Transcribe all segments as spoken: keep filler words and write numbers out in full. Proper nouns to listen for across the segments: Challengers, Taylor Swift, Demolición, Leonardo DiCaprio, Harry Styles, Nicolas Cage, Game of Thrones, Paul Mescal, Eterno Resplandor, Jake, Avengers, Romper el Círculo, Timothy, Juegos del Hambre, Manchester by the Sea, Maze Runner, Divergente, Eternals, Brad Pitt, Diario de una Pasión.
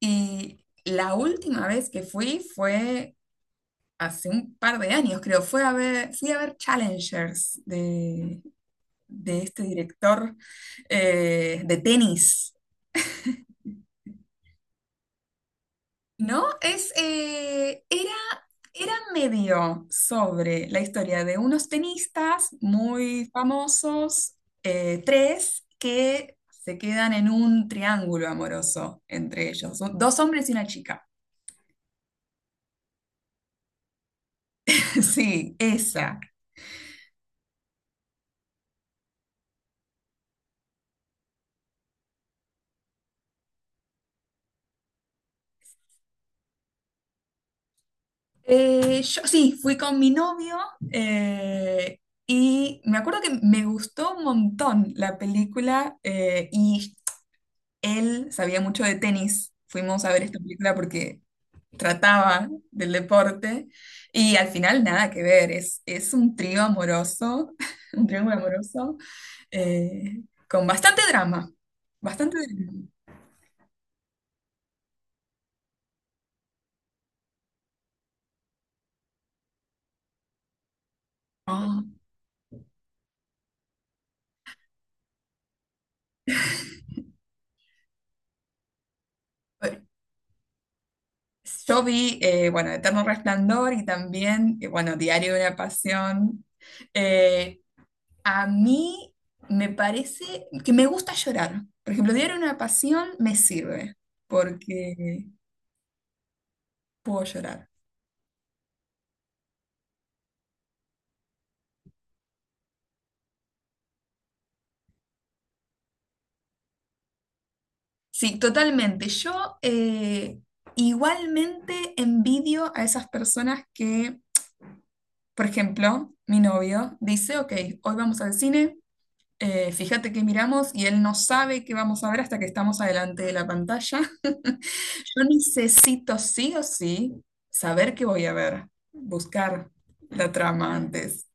Y la última vez que fui fue hace un par de años, creo. Fue a ver, fui a ver Challengers de, de este director eh, de tenis, ¿no? Es, eh, era, era medio sobre la historia de unos tenistas muy famosos, eh, tres, que se quedan en un triángulo amoroso entre ellos. Son dos hombres y una chica. Sí, esa. Eh, yo sí, fui con mi novio eh, y me acuerdo que me gustó un montón la película, eh, y él sabía mucho de tenis. Fuimos a ver esta película porque trataba del deporte y al final nada que ver, es, es un trío amoroso, un triángulo amoroso eh, con bastante drama, bastante drama. Ah, yo vi, eh, bueno, Eterno Resplandor y también, eh, bueno, Diario de una Pasión. Eh, a mí me parece que me gusta llorar. Por ejemplo, Diario de una Pasión me sirve porque puedo llorar. Sí, totalmente. Yo eh, Igualmente envidio a esas personas que, por ejemplo, mi novio dice, ok, hoy vamos al cine. Eh, fíjate que miramos y él no sabe qué vamos a ver hasta que estamos adelante de la pantalla. Yo necesito sí o sí saber qué voy a ver, buscar la trama antes.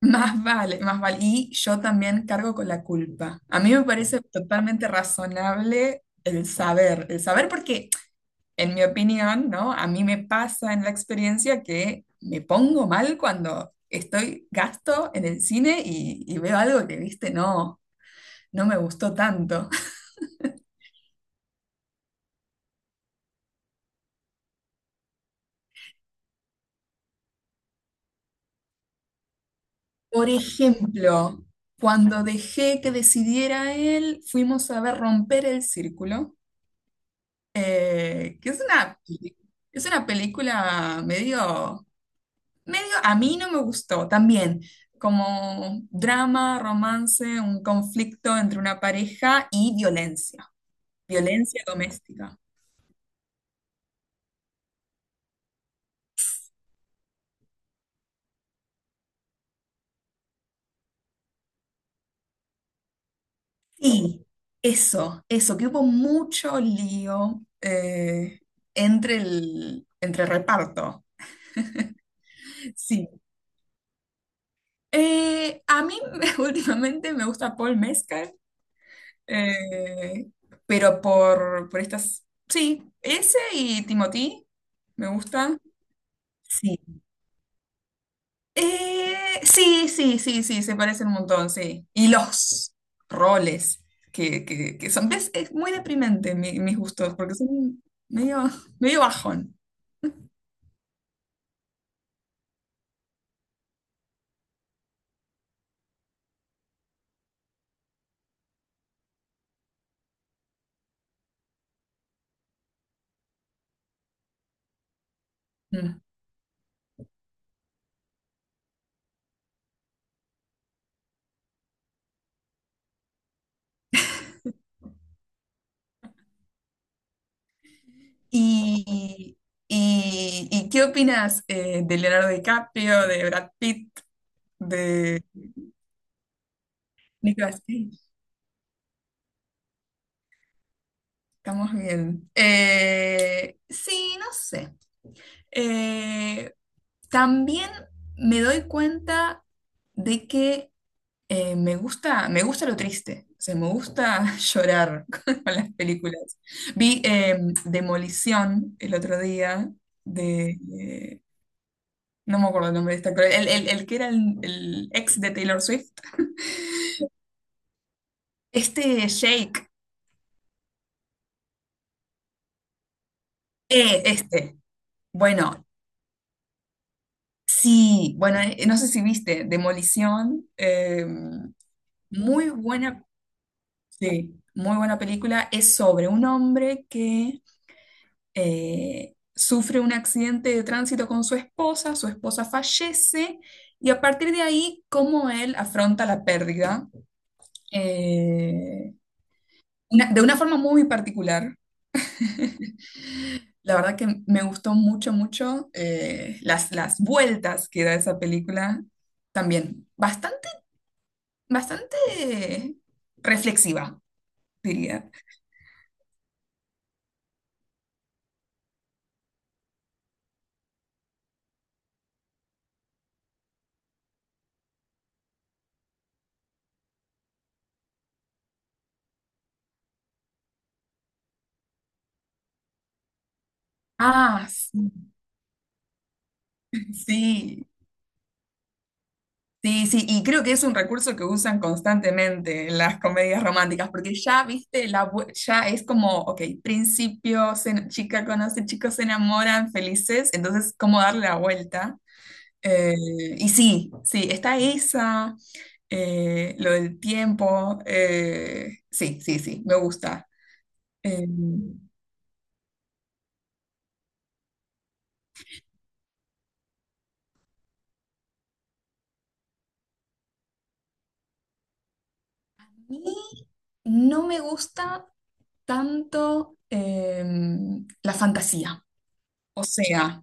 Más vale, más vale. Y yo también cargo con la culpa. A mí me parece totalmente razonable el saber, el saber porque, en mi opinión, ¿no? A mí me pasa en la experiencia que me pongo mal cuando estoy gasto en el cine y, y veo algo que, viste, no. no me gustó tanto. Por ejemplo, cuando dejé que decidiera él, fuimos a ver Romper el Círculo, eh, que es una, peli- es una película medio, medio, a mí no me gustó también, como drama, romance, un conflicto entre una pareja y violencia, violencia doméstica. Sí, eso, eso, que hubo mucho lío, eh, entre el, entre el reparto. Sí. Eh, a mí últimamente me gusta Paul Mescal, eh, pero por, por estas... Sí, ese y Timothy me gustan. Sí. Eh, sí, sí, sí, sí, se parecen un montón, sí. Y los roles que, que, que son... ¿Ves? Es muy deprimente mi- mis gustos, porque son medio, medio bajón. Mm. ¿Y, y, y qué opinas, eh, de Leonardo DiCaprio, de Brad Pitt, de Nicolas Cage? Estamos bien. Eh, sí, no sé. Eh, También me doy cuenta de que, eh, me gusta, me gusta lo triste. O sea, me gusta llorar con las películas. Vi, eh, Demolición el otro día de, eh, no me acuerdo el nombre de este actor. El, el- el que era el, el ex de Taylor Swift. Este Jake. Eh, este. Bueno, sí. Bueno, eh, no sé si viste Demolición. Eh, muy buena. Sí, muy buena película. Es sobre un hombre que, eh, sufre un accidente de tránsito con su esposa. Su esposa fallece. Y a partir de ahí, cómo él afronta la pérdida. eh, una- de una forma muy particular. La verdad que me gustó mucho, mucho, eh, las, las vueltas que da esa película también. Bastante, bastante reflexiva, diría. Ah, sí, sí, sí, sí, y creo que es un recurso que usan constantemente en las comedias románticas, porque ya, viste, la, bu- ya es como, ok, principio, se- chica conoce, chicos se enamoran, felices, entonces, ¿cómo darle la vuelta? Eh, y sí, sí, está esa, eh, lo del tiempo, eh, sí, sí, sí, me gusta. Eh, y no me gusta tanto, em, la fantasía, o sea...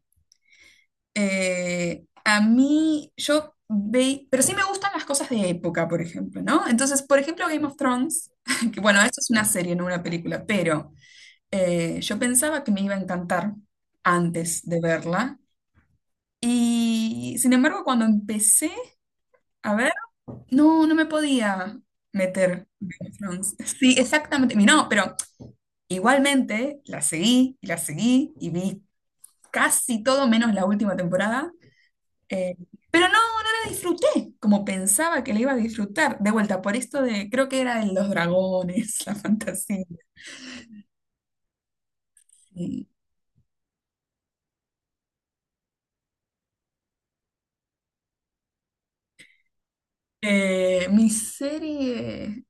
Eh, a mí, yo ve, pero sí me gustan las cosas de época, por ejemplo, ¿no? Entonces, por ejemplo, Game of Thrones, que bueno, esto es una serie, no una película, pero, eh, yo pensaba que me iba a encantar antes de verla. Y sin embargo, cuando empecé a ver, no, no me podía meter Game of Thrones. Sí, exactamente. Y no, pero igualmente la seguí y la seguí y vi casi todo menos la última temporada. Eh, pero no, no la disfruté como pensaba que la iba a disfrutar. De vuelta, por esto de, creo que era de los dragones, la fantasía. Sí. Eh, mi serie,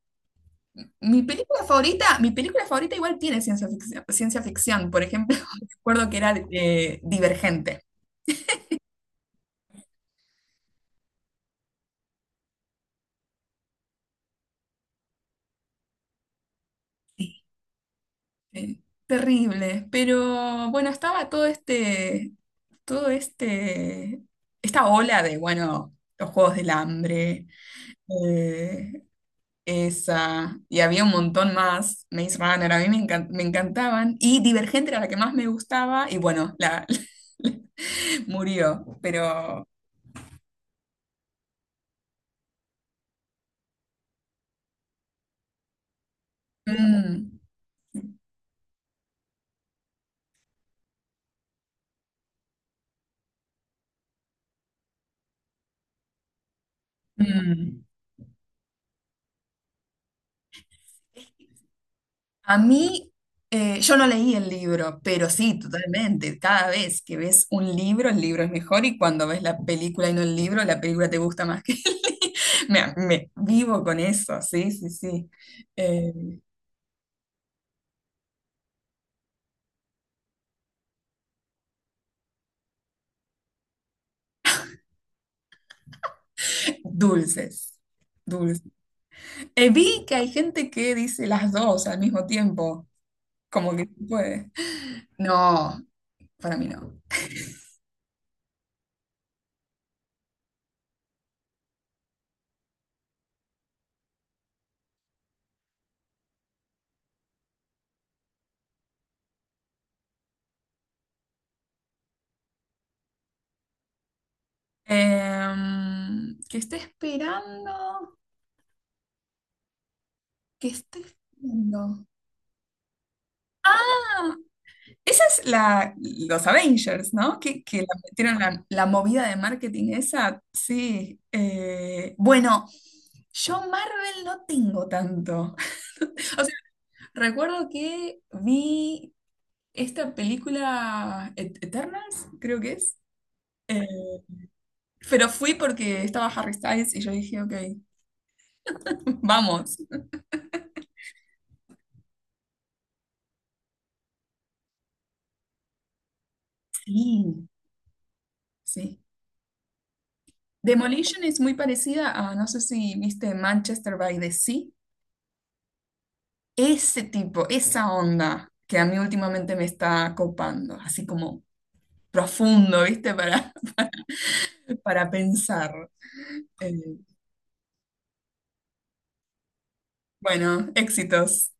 Mi película favorita, mi película favorita igual tiene ciencia ficción, ciencia ficción. Por ejemplo, recuerdo que era, eh, Divergente. Sí. Eh, Terrible, pero bueno, estaba todo este, todo este, esta ola de, bueno, los Juegos del Hambre, eh, esa, y había un montón más, Maze Runner, a mí me encan- me encantaban, y Divergente era la que más me gustaba, y bueno, la, murió, pero... Mm, mm. A mí, eh, yo no leí el libro, pero sí, totalmente. Cada vez que ves un libro, el libro es mejor y cuando ves la película y no el libro, la película te gusta más que el libro. Me, me vivo con eso, sí, sí, sí. Eh, Dulces, dulces. Eh, vi que hay gente que dice las dos al mismo tiempo, como que se puede. No, para mí no. Em, que esté esperando, que esté esperando. Ah, esa es la, los Avengers, ¿no? Que, que la metieron la, la movida de marketing esa, sí. Eh, bueno, yo Marvel no tengo tanto. O sea, recuerdo que vi esta película Et- Eternals, creo que es. Eh, pero fui porque estaba Harry Styles y yo dije, ok, vamos. Sí. Sí. Demolition es muy parecida a, no sé si viste Manchester by the Sea, ese tipo, esa onda que a mí últimamente me está copando, así como profundo, ¿viste? Para, para pensar. Eh, bueno, éxitos.